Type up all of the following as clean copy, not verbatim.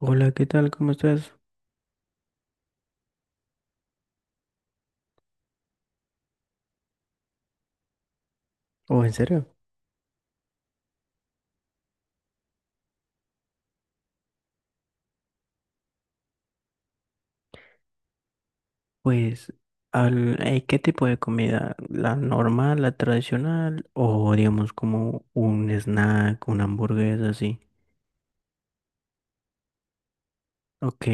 Hola, ¿qué tal? ¿Cómo estás? ¿O en serio? Pues, ¿qué tipo de comida? ¿La normal, la tradicional o digamos como un snack, una hamburguesa así? Ok,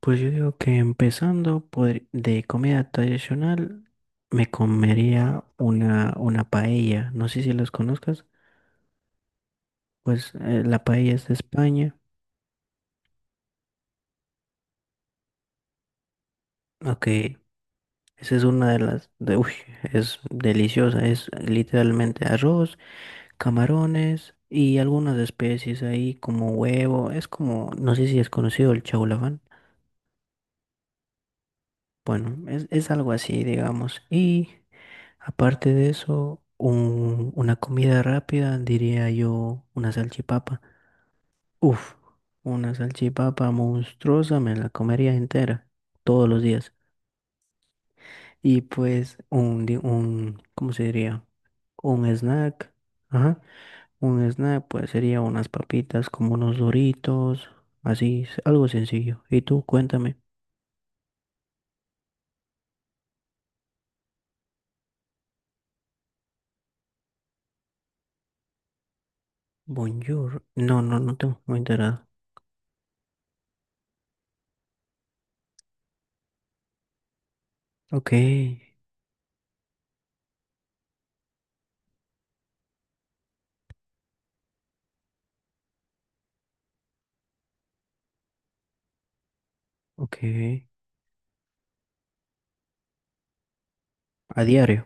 pues yo digo que empezando de comida tradicional me comería una paella. No sé si las conozcas. Pues la paella es de España. Ok, esa es una de las... De, uy, es deliciosa. Es literalmente arroz, camarones y algunas especies ahí como huevo. Es como, no sé si es conocido el chaulafán. Bueno, es algo así, digamos. Y aparte de eso, una comida rápida, diría yo, una salchipapa. Uf, una salchipapa monstruosa, me la comería entera, todos los días. Y pues ¿cómo se diría? Un snack. Ajá. Un snack, pues sería unas papitas como unos Doritos, así, algo sencillo. Y tú, cuéntame. Bonjour. No, no, no tengo muy enterado. Ok, ok. A diario.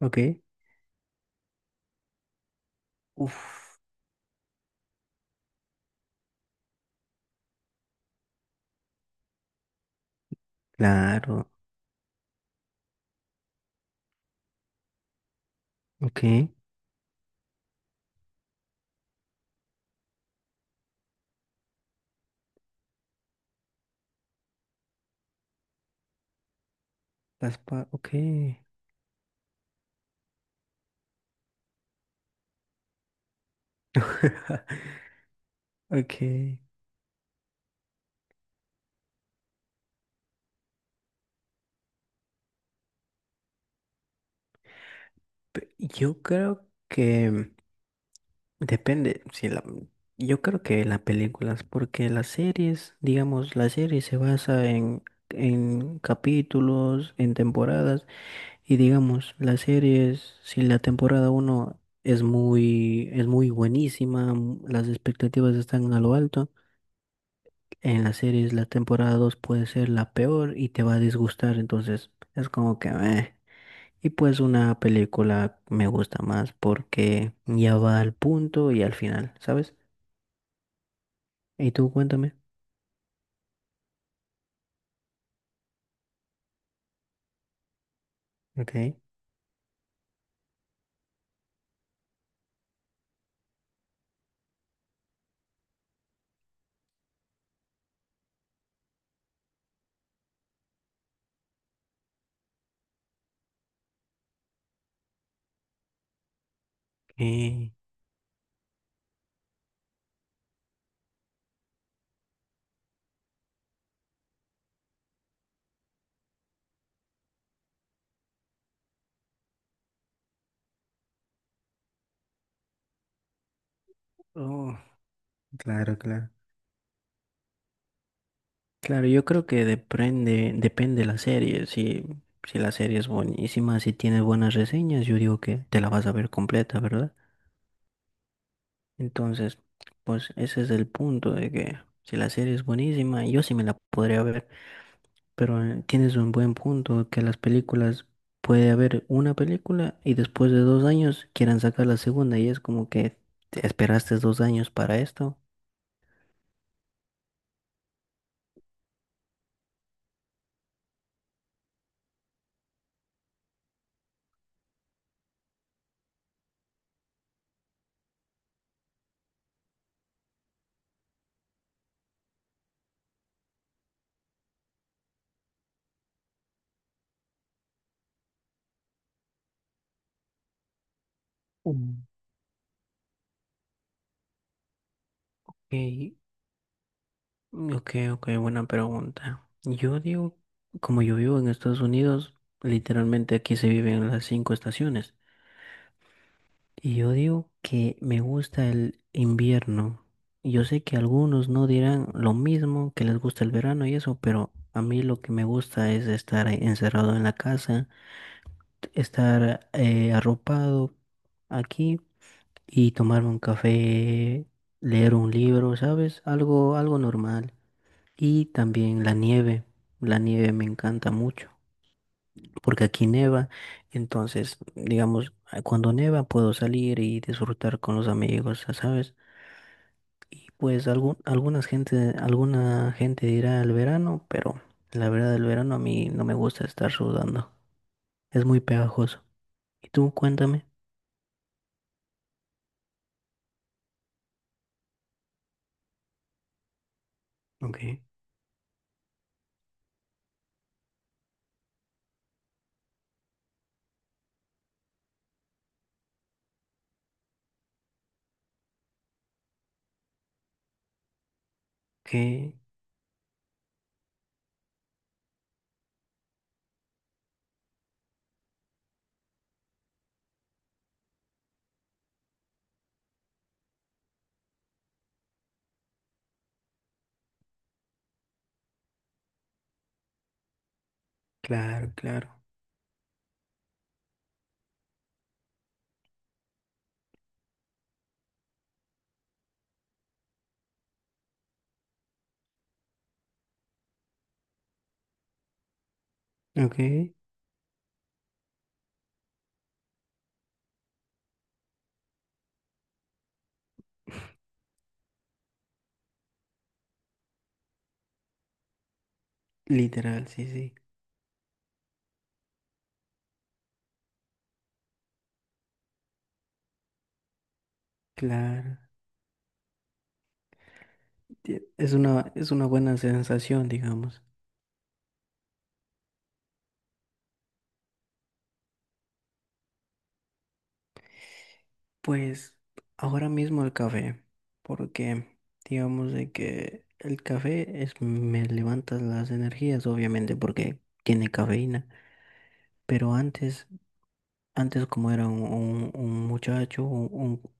Ok. Uf, claro. Ok. Ok. Ok. Yo creo que. Depende, si la, yo creo que las películas, porque las series, digamos, la serie se basa en capítulos, en temporadas, y digamos, las series, si la temporada uno es muy buenísima, las expectativas están a lo alto, en las series la temporada 2 puede ser la peor y te va a disgustar, entonces es como que meh. Y pues una película me gusta más porque ya va al punto y al final, ¿sabes? Y tú cuéntame. Ok. Eh, oh, claro, claro. Claro, yo creo que depende, depende la serie. Si, si la serie es buenísima, si tiene buenas reseñas, yo digo que te la vas a ver completa, ¿verdad? Entonces, pues ese es el punto de que si la serie es buenísima, yo sí me la podría ver. Pero tienes un buen punto que las películas puede haber una película y después de 2 años quieran sacar la segunda y es como que te esperaste 2 años para esto. Ok, ok, ok, buena pregunta. Yo digo, como yo vivo en Estados Unidos, literalmente aquí se viven las cinco estaciones. Y yo digo que me gusta el invierno. Yo sé que algunos no dirán lo mismo, que les gusta el verano y eso, pero a mí lo que me gusta es estar encerrado en la casa, estar arropado aquí. Y tomarme un café, leer un libro, ¿sabes? Algo normal. Y también la nieve. La nieve me encanta mucho porque aquí neva, entonces, digamos, cuando neva puedo salir y disfrutar con los amigos, ya, ¿sabes? Y pues alguna gente dirá el verano, pero la verdad el verano a mí no me gusta estar sudando. Es muy pegajoso. Y tú, cuéntame. Ok, ok, claro, claro. Ok, literal, sí, sí, claro. Es una buena sensación, digamos. Pues ahora mismo el café, porque digamos de que el café es, me levanta las energías, obviamente, porque tiene cafeína. Pero antes como era un muchacho,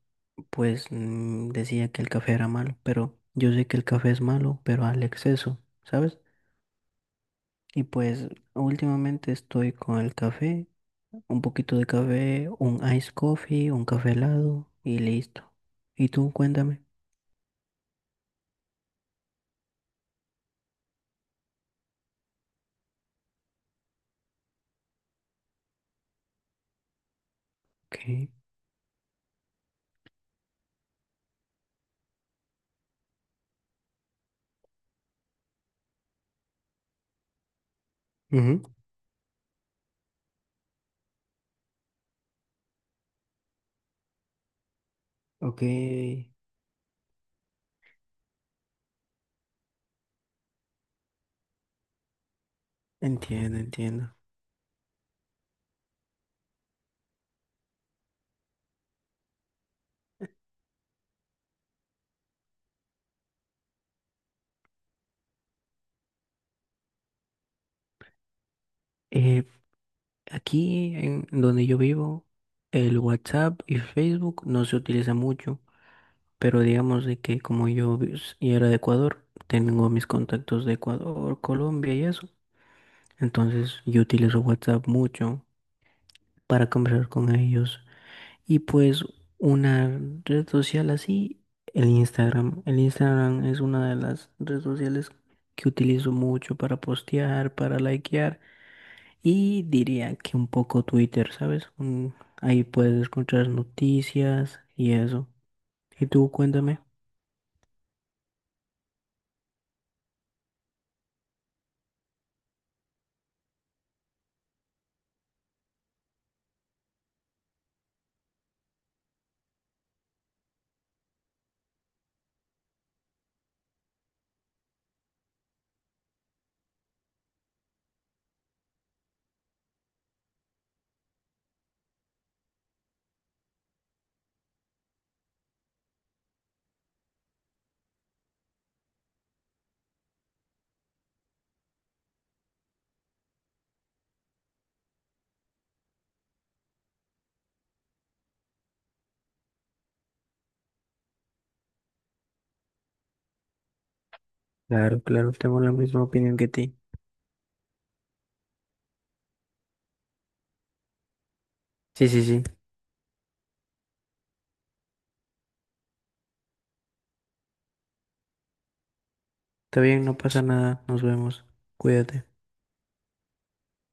pues decía que el café era malo, pero yo sé que el café es malo, pero al exceso, ¿sabes? Y pues últimamente estoy con el café, un poquito de café, un ice coffee, un café helado y listo. Y tú cuéntame. ¿Qué? Ujú. Ok. Entiendo, entiendo. Eh, Aquí en donde yo vivo, el WhatsApp y Facebook no se utiliza mucho, pero digamos de que como yo y era de Ecuador, tengo mis contactos de Ecuador, Colombia y eso. Entonces yo utilizo WhatsApp mucho para conversar con ellos. Y pues una red social así, el Instagram. El Instagram es una de las redes sociales que utilizo mucho para postear, para likear y diría que un poco Twitter, ¿sabes? Ahí puedes encontrar noticias y eso. Y tú cuéntame. Claro, claro, tengo la misma opinión que ti. Sí, sí, sí. Está bien, no pasa nada. Nos vemos. Cuídate.